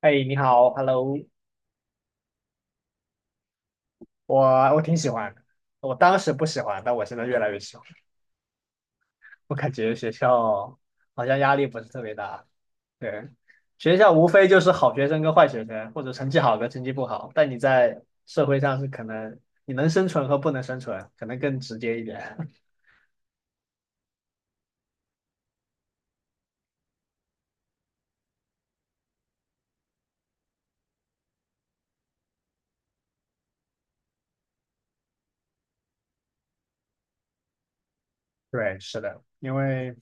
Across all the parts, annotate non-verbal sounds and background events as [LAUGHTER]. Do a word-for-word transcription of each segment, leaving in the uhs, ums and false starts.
哎，你好，Hello。我我挺喜欢的，我当时不喜欢，但我现在越来越喜欢。我感觉学校好像压力不是特别大，对，学校无非就是好学生跟坏学生，或者成绩好跟成绩不好。但你在社会上是可能你能生存和不能生存，可能更直接一点。[LAUGHS] 对，是的，因为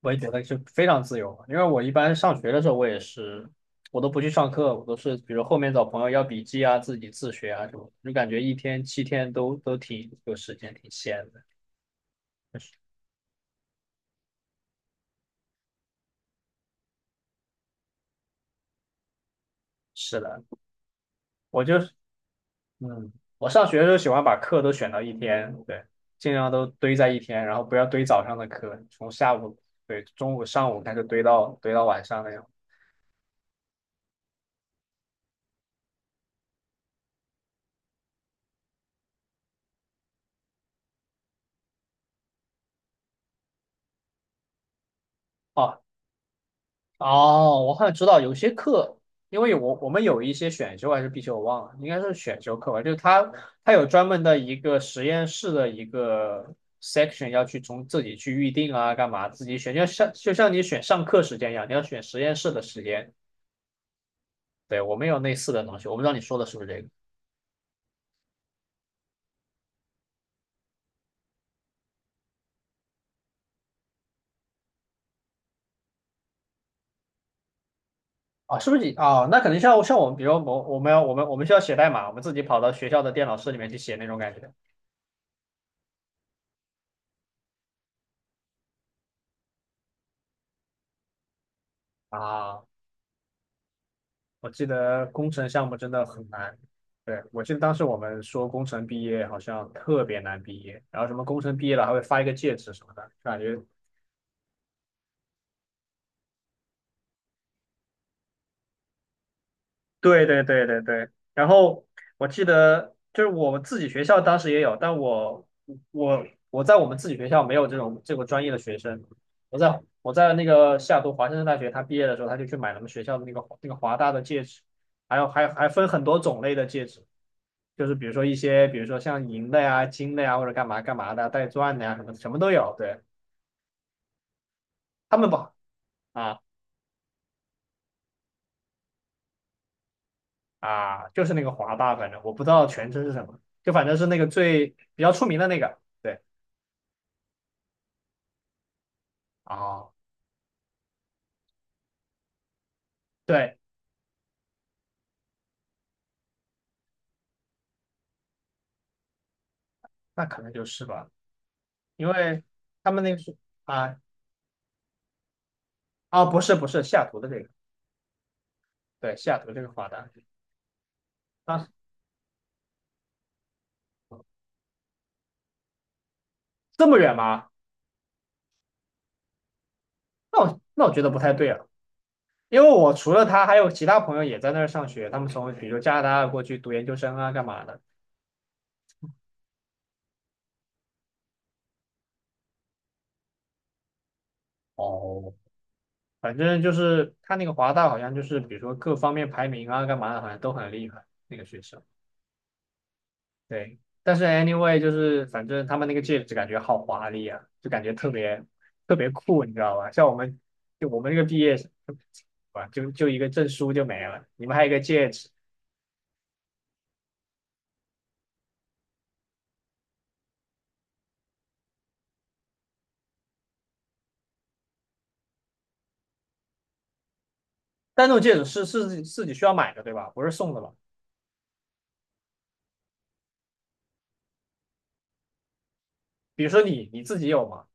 我也觉得就非常自由，因为我一般上学的时候，我也是，我都不去上课，我都是比如后面找朋友要笔记啊，自己自学啊什么的就感觉一天七天都都挺有时间，挺闲的。就是是的，我就是，嗯，我上学的时候喜欢把课都选到一天，对，尽量都堆在一天，然后不要堆早上的课，从下午，对，中午、上午开始堆到堆到晚上那样。哦，哦，我好像知道有些课，因为我我们有一些选修还是必修，我忘了，应该是选修课吧。就是它它有专门的一个实验室的一个 section 要去从自己去预定啊，干嘛自己选，就像就像你选上课时间一样，你要选实验室的时间。对，我们有类似的东西，我不知道你说的是不是这个啊？是不是你啊？那可能像像我们，比如我我们要我们我们需要写代码，我们自己跑到学校的电脑室里面去写那种感觉啊。我记得工程项目真的很难。对，我记得当时我们说工程毕业好像特别难毕业，然后什么工程毕业了还会发一个戒指什么的，就感觉对对对对对，然后我记得就是我们自己学校当时也有，但我我我在我们自己学校没有这种这个专业的学生。我在我在那个西雅图华盛顿大学，他毕业的时候他就去买了我们学校的那个那个华大的戒指，还有还还分很多种类的戒指，就是比如说一些，比如说像银的呀、金的呀，或者干嘛干嘛的，带钻的呀，什么什么都有。对，他们不好啊啊，就是那个华霸，反正我不知道全称是什么，就反正是那个最比较出名的那个。对，啊，对，那可能就是吧，因为他们那个是啊啊，不是不是西雅图的这个，对，西雅图这个华大啊，这么远吗？那我那我觉得不太对啊，因为我除了他，还有其他朋友也在那儿上学，他们从比如说加拿大过去读研究生啊，干嘛的。哦，反正就是他那个华大好像就是，比如说各方面排名啊，干嘛的，好像都很厉害那个学校。对，但是 anyway 就是反正他们那个戒指感觉好华丽啊，就感觉特别特别酷，你知道吧？像我们就我们这个毕业生，啊，就就一个证书就没了，你们还有一个戒指，但那种戒指是是自己自己需要买的，对吧？不是送的吧？比如说你你自己有吗？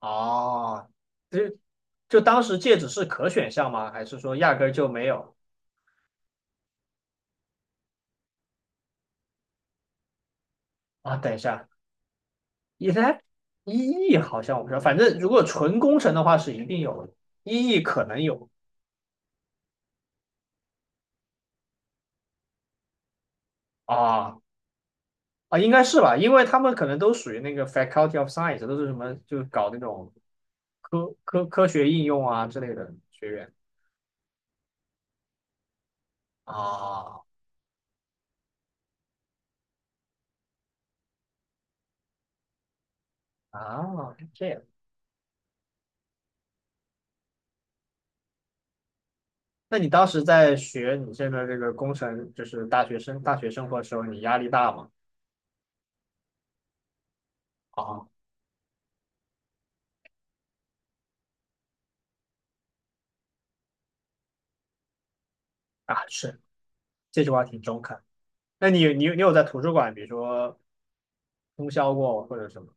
哦，就就当时戒指是可选项吗？还是说压根儿就没有？啊，等一下。一才一亿，好像我不知道，反正如果纯工程的话是一定有的，一亿可能有啊啊，应该是吧，因为他们可能都属于那个 Faculty of Science，都是什么就是搞那种科科科学应用啊之类的学院啊啊，这样。那你当时在学你现在这个工程，就是大学生大学生活的时候，你压力大吗？啊啊，是，这句话挺中肯。那你你你有在图书馆，比如说通宵过或者什么？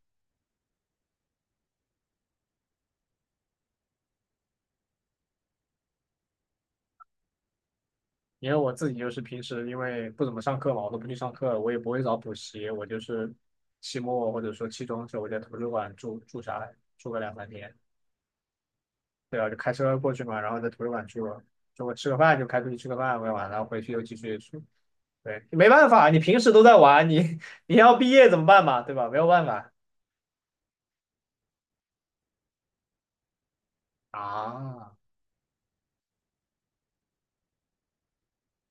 因为我自己就是平时因为不怎么上课嘛，我都不去上课，我也不会找补习，我就是期末或者说期中的时候，我在图书馆住住下来，住个两三天，对啊，就开车过去嘛，然后在图书馆住了，中午吃个饭就开出去吃个饭，玩完了回去又继续住。对，没办法，你平时都在玩，你 [LAUGHS] 你要毕业怎么办嘛，对吧？没有办法啊，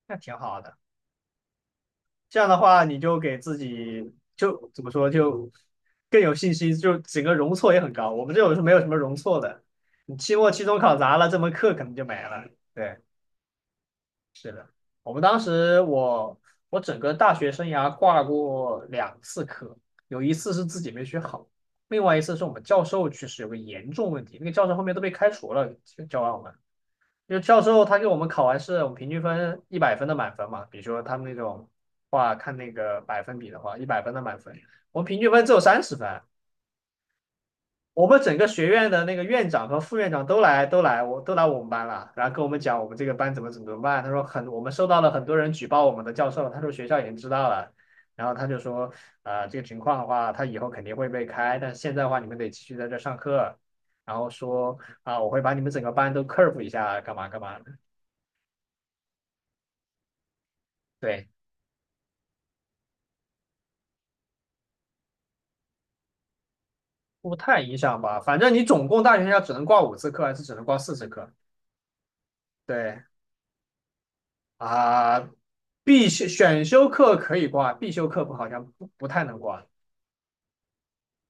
那挺好的。这样的话，你就给自己就怎么说，就更有信心，就整个容错也很高。我们这种是没有什么容错的，你期末、期中考砸了，这门课可能就没了。对，我们当时我我整个大学生涯挂过两次科，有一次是自己没学好，另外一次是我们教授去世有个严重问题，那个教授后面都被开除了，教完我们。就教授他给我们考完试，我们平均分一百分的满分嘛。比如说他们那种话，看那个百分比的话，一百分的满分，我们平均分只有三十分。我们整个学院的那个院长和副院长都来，都来，我都来我们班了，然后跟我们讲我们这个班怎么怎么怎么办。他说很，我们收到了很多人举报我们的教授，他说学校已经知道了，然后他就说啊，呃，这个情况的话，他以后肯定会被开，但是现在的话，你们得继续在这上课，然后说啊、我会把你们整个班都 curve 一下，干嘛干嘛的。对，不太影响吧，反正你总共大学要只能挂五次课，还是只能挂四次课？对啊，必修选修课可以挂，必修课不好像不不太能挂。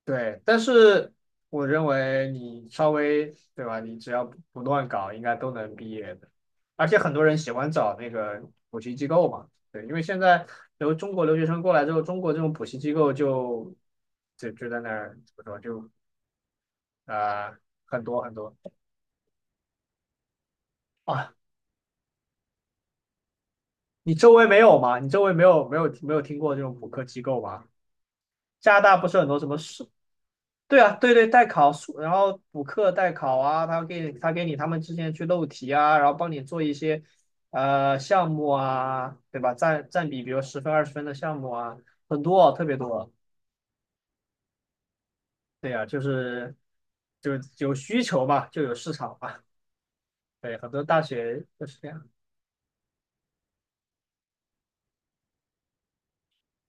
对，但是我认为你稍微对吧，你只要不不乱搞，应该都能毕业的。而且很多人喜欢找那个补习机构嘛，对，因为现在留中国留学生过来之后，中国这种补习机构就就就在那儿怎么说就啊、呃很多很多。啊，你周围没有吗？你周围没有没有没有听过这种补课机构吗？加拿大不是很多什么数？对啊，对对，代考数然后补课代考啊，他给你他给你他们之前去漏题啊，然后帮你做一些呃项目啊，对吧？占占比，比如十分二十分的项目啊，很多，特别多。对呀，啊就是就有需求嘛，就有市场嘛。对，很多大学就是这样。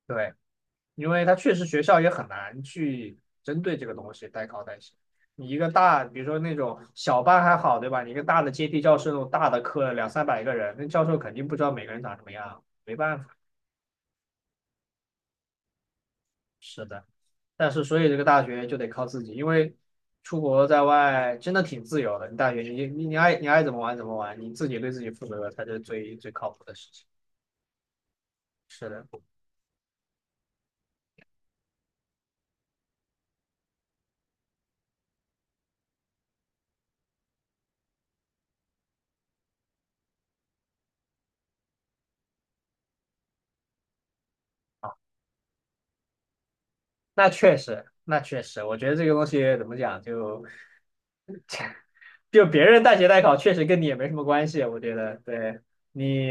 对。因为它确实学校也很难去针对这个东西代考代写。你一个大，比如说那种小班还好，对吧？你一个大的阶梯教室那种大的课，两三百个人，那教授肯定不知道每个人长什么样，没办法。是的，但是所以这个大学就得靠自己，因为出国在外真的挺自由的。你大学你你你爱你爱怎么玩怎么玩，你自己对自己负责才是最最靠谱的事情。是的，那确实，那确实，我觉得这个东西怎么讲就。就别人代学代考确实跟你也没什么关系，我觉得，对你，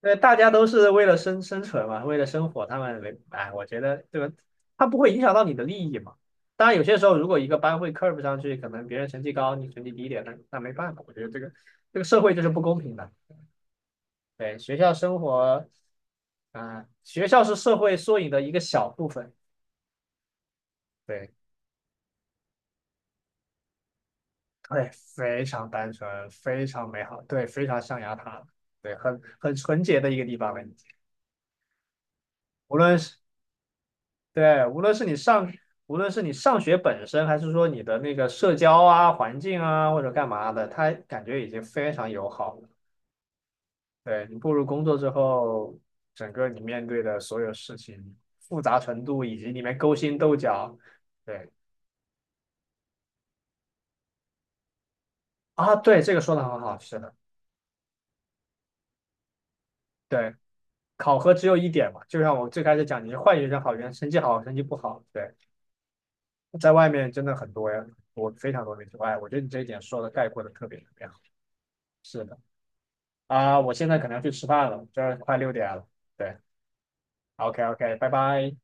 对大家都是为了生生存嘛，为了生活，他们没，哎，我觉得对吧？他不会影响到你的利益嘛。当然，有些时候如果一个班会 curve 上去，可能别人成绩高，你成绩低一点，那那没办法，我觉得这个这个社会就是不公平的。对，学校生活，啊、学校是社会缩影的一个小部分。对，对，非常单纯，非常美好，对，非常象牙塔，对，很很纯洁的一个地方了。无论是对，无论是你上，无论是你上学本身，还是说你的那个社交啊、环境啊，或者干嘛的，它感觉已经非常友好了。对，你步入工作之后，整个你面对的所有事情复杂程度以及里面勾心斗角，对啊，对，这个说的很好，是的，对，考核只有一点嘛，就像我最开始讲，你是坏学生、好学生，成绩好、成绩不好，对，在外面真的很多呀，我非常多那种，哎，我觉得你这一点说的概括的特别特别好，是的。啊，我现在可能要去吃饭了，这儿快六点了。对，OK OK，拜拜。